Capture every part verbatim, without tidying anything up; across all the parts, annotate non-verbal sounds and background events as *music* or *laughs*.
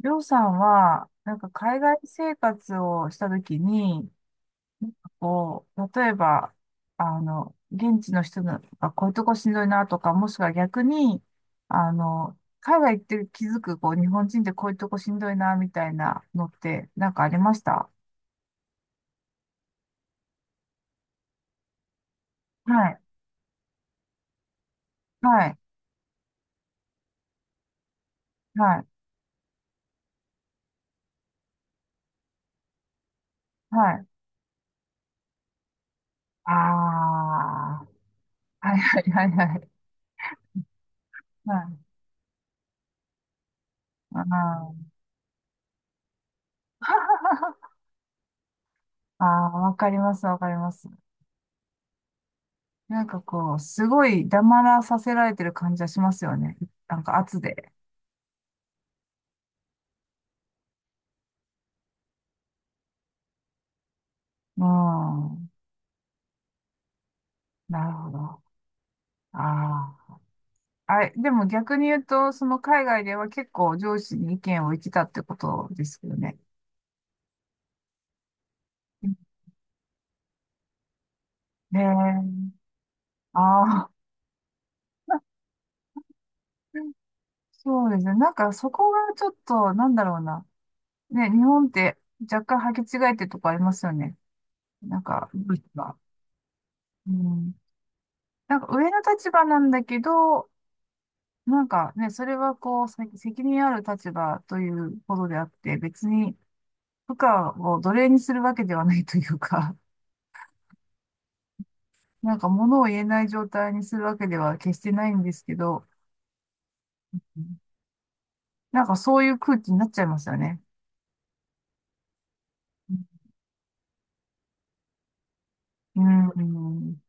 りょうさんは、なんか海外生活をしたときに、なんかこう、例えば、あの、現地の人がこういうとこしんどいなとか、もしくは逆に、あの、海外行って気づく、こう、日本人ってこういうとこしんどいな、みたいなのって、なんかありました？はい、はい、はい、はい。ああ、はい、はい、はい、はい。はい、あー *laughs* あー、わかります、わかります。なんかこう、すごい黙らさせられてる感じはしますよね。なんか圧で。うん。なるほど。ああ。あれ、でも逆に言うと、その海外では結構上司に意見を言ってたってことですよね。ねえ。ああ。*laughs* そうですね。なんかそこがちょっと、なんだろうな。ね、日本って若干履き違えてるとこありますよね。なんか、うん。うん、なんか上の立場なんだけど、なんかね、それはこう、せ責任ある立場ということであって、別に部下を奴隷にするわけではないというか、*laughs* なんか物を言えない状態にするわけでは決してないんですけど、うん、なんかそういう空気になっちゃいますよね。うん、うん、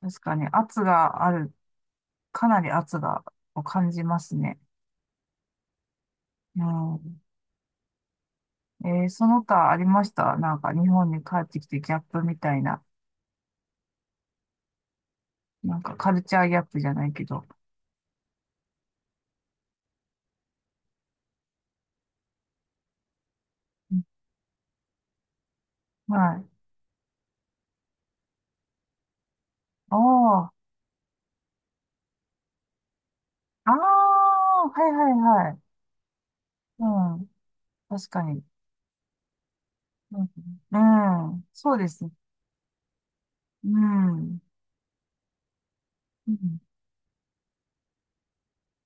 確かに圧がある、かなり圧がを感じますね。うん、えーその他ありました？なんか日本に帰ってきてギャップみたいな、なんかカルチャーギャップじゃないけど。うん、はい。ああ。ああ、はい、はい、はい。うん。確かに。うん。うん、そうですね。うん。うん。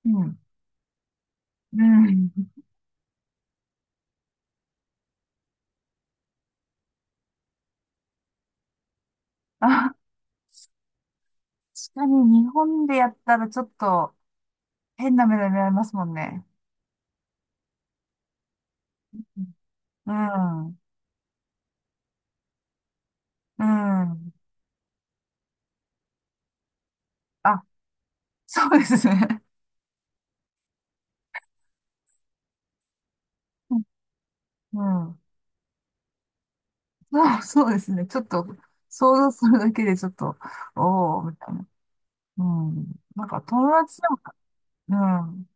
うん。うん、あ、確かに日本でやったらちょっと変な目で見られますもんね。うん。うん。あ、そうですね。うん。うん、そう、そうですね。ちょっと想像するだけでちょっと、おおみたいな。うん。なんか友達でも、うん。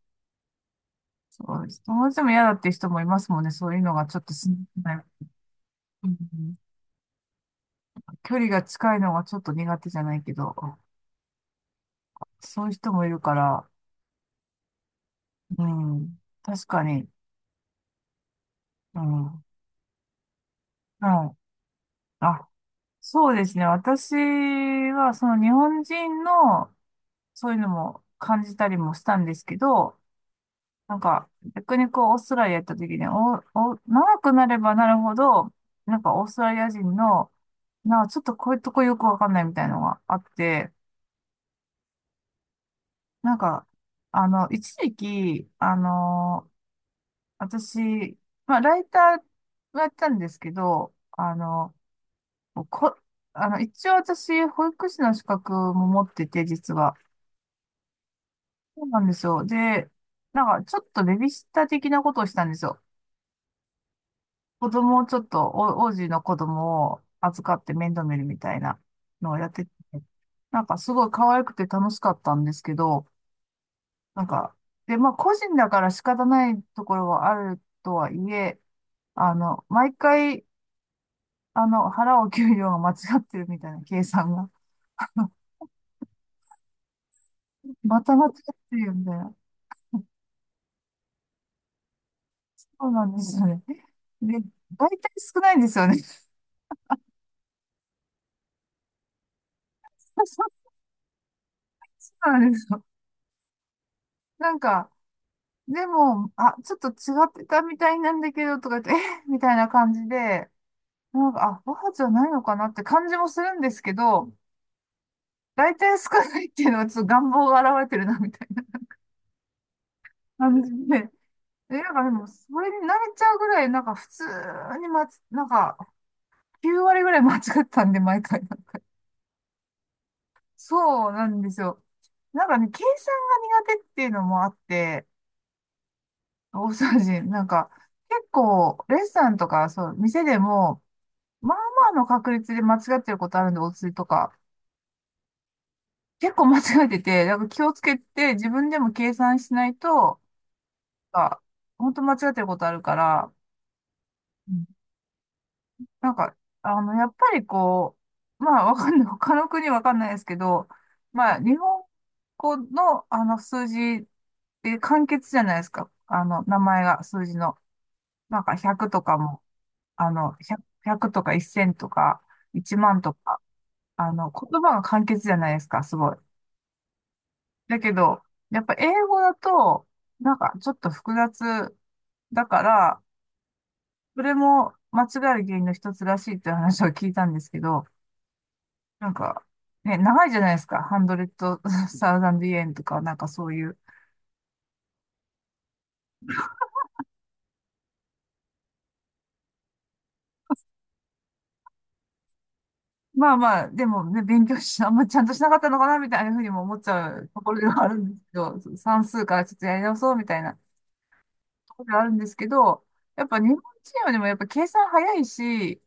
そうです。友達でも嫌だっていう人もいますもんね。そういうのがちょっとしんどい、うん、距離が近いのがちょっと苦手じゃないけど、そういう人もいるから、うん。確かに。うん。はい。あ、そうですね。私は、その日本人の、そういうのも感じたりもしたんですけど、なんか、逆にこう、オーストラリア行った時に、お、お、長くなればなるほど、なんかオーストラリア人の、なんかちょっとこういうとこよくわかんないみたいなのがあって、なんか、あの、一時期、あの、私、まあ、ライターをやったんですけど、あの、こ、あの、一応私、保育士の資格も持ってて、実は。そうなんですよ。で、なんか、ちょっとベビーシッター的なことをしたんですよ。子供をちょっと、お、王子の子供を預かって面倒見るみたいなのをやってて、なんか、すごい可愛くて楽しかったんですけど、なんか、で、まあ、個人だから仕方ないところはあるとはいえ、あの、毎回、あの、払う給料が間違ってるみたいな計算が。*laughs* また間違ってるよみたいな。そうなんですよね。で、大体少ないんですよね。*laughs* そうなんですよ。なんか、でも、あ、ちょっと違ってたみたいなんだけど、とか言って、えみたいな感じで、なんか、あ、母じゃないのかなって感じもするんですけど、大体少ないっていうのはちょっと願望が現れてるな、みたいな感じで。え、なんかでも、それに慣れちゃうぐらい、なんか普通にまつ、なんか、きゅうわり割ぐらい間違ったんで、毎回、なんか。そうなんですよ。なんかね、計算が苦手っていうのもあって、大掃除、なんか、結構、レストランとか、そう、店でも、まあまあの確率で間違ってることあるんで、お釣りとか。結構間違えてて、なんか気をつけて、自分でも計算しないと、なんか、本当間違ってることあるから、なんか、あの、やっぱりこう、まあ、わかんない、他の国わかんないですけど、まあ、日本語の、あの、数字で簡潔じゃないですか。あの、名前が、数字の。なんか、ひゃくとかも、あの、ひゃく、ゼロとかいち ゼロとか、いちまんとか、あの、言葉が簡潔じゃないですか、すごい。だけど、やっぱ英語だと、なんか、ちょっと複雑だから、それも間違える原因の一つらしいっていう話を聞いたんですけど、なんか、ね、長いじゃないですか。ハンドレットサウザンドイエンとか、なんかそういう。まあまあ、でもね、勉強し、あんまちゃんとしなかったのかな、みたいなふうにも思っちゃうところではあるんですけど、算数からちょっとやり直そうみたいなところではあるんですけど、やっぱ日本チームでもやっぱ計算早いし、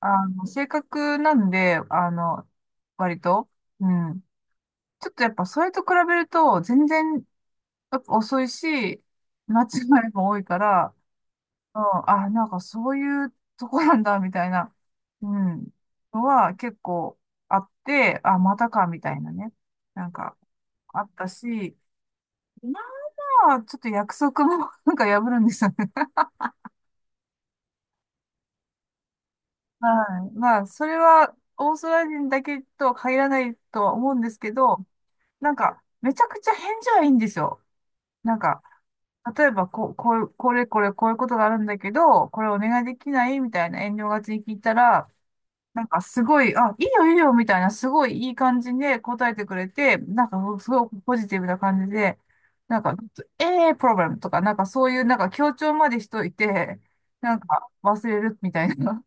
あの、正確なんで、あの、割と、うん。ちょっとやっぱそれと比べると、全然やっぱ遅いし、間違いも多いから、うん、あ、なんかそういうとこなんだ、みたいな、うん、のは結構あって、あ、またか、みたいなね。なんかあったし、まあ、ちょっと約束も *laughs* なんか破るんですよね。*laughs* はい。まあ、それはオーストラリア人だけとは限らないとは思うんですけど、なんか、めちゃくちゃ返事はいいんですよ。なんか、例えばこう、こういう、これこれこういうことがあるんだけど、これお願いできないみたいな遠慮がちに聞いたら、なんかすごい、あ、いいよいいよみたいな、すごいいい感じで答えてくれて、なんかすごいポジティブな感じで、なんか、ええー、プロブレムとか、なんかそういうなんか強調までしといて、なんか忘れるみたいな、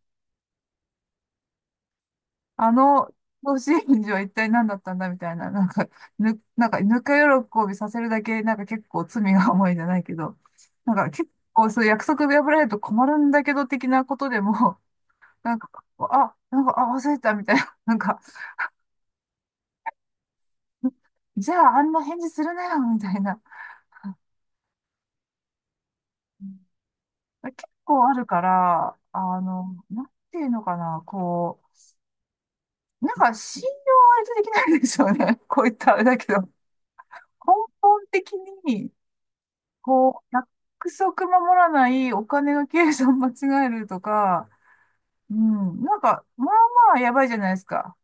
*laughs* あの、甲子園児は一体何だったんだみたいな、なんか、ぬ、なんか、ぬか喜びさせるだけ、なんか結構罪が重いじゃないけど、なんか結構そういう約束破られると困るんだけど的なことでも、なんか、あ、なんか、あ、忘れてたみたいな、なんか、*laughs* じゃあ、あんな返事するなよ、みたいな。結構あるから、あの、なんていうのかな、こう、なんか信用は割とできないでしょうね。*laughs* こういったあれだけど、根本的に、こう、約束守らない、お金の計算間違えるとか、うん、なんか、まあまあやばいじゃないですか。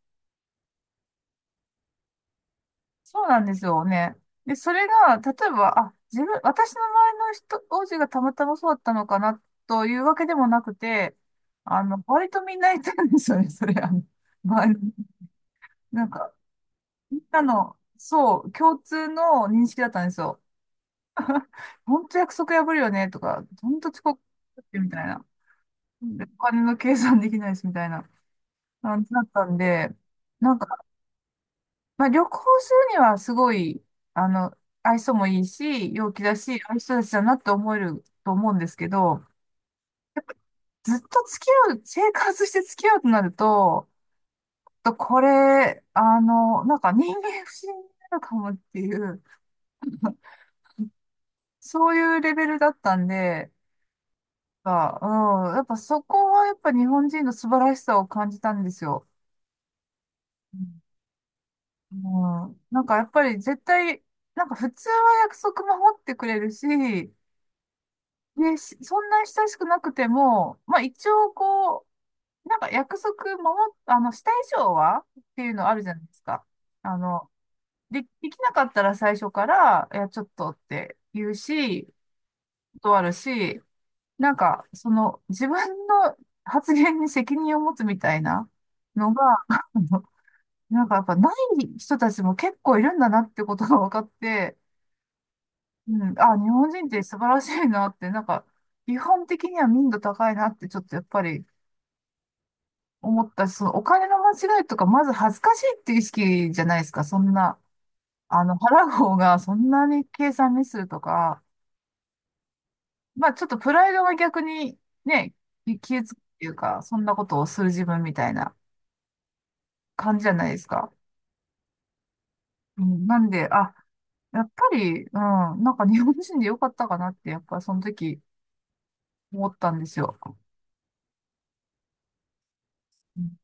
そうなんですよね。で、それが、例えば、あ、自分、私の周りの人、王子がたまたまそうだったのかな、というわけでもなくて、あの、割とみんないたんですよね、それ、あの、周りに。なんか、みんなの、そう、共通の認識だったんですよ。本当約束破るよね、とか、本当遅刻すてみたいな。でお金の計算できないし、みたいな感じだったんで、なんまあ、旅行するにはすごい、あの、愛想もいいし、陽気だし、ああいう人たちだなって思えると思うんですけど、ずっと付き合う、生活して付き合うとなると、ちょっとこれ、あの、なんか人間不信になるかもっていう、そういうレベルだったんで、やっぱ、うん、やっぱそこはやっぱ日本人の素晴らしさを感じたんですよ。うん、うん、なんかやっぱり絶対、なんか普通は約束守ってくれるし、ね、しそんな親しくなくても、まあ一応こう、なんか約束守っ、あの、した以上はっていうのあるじゃないですか。あの、で、できなかったら最初から、いや、ちょっとって言うし、断るし、なんか、その、自分の発言に責任を持つみたいなのが、*laughs* あのなんかやっぱない人たちも結構いるんだなってことが分かって、うん、あ、日本人って素晴らしいなって、なんか、基本的には民度高いなって、ちょっとやっぱり思ったし、そのお金の間違いとか、まず恥ずかしいっていう意識じゃないですか、そんな。あの、払う方がそんなに計算ミスるとか、まあちょっとプライドが逆にね、き消えつくっていうか、そんなことをする自分みたいな感じじゃないですか。うん、なんで、あ、やっぱり、うん、なんか日本人でよかったかなって、やっぱその時思ったんですよ。うん、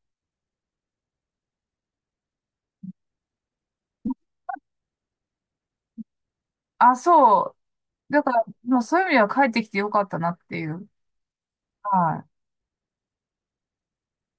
あ、そう。だから、もうそういう意味では帰ってきてよかったなっていう。はい。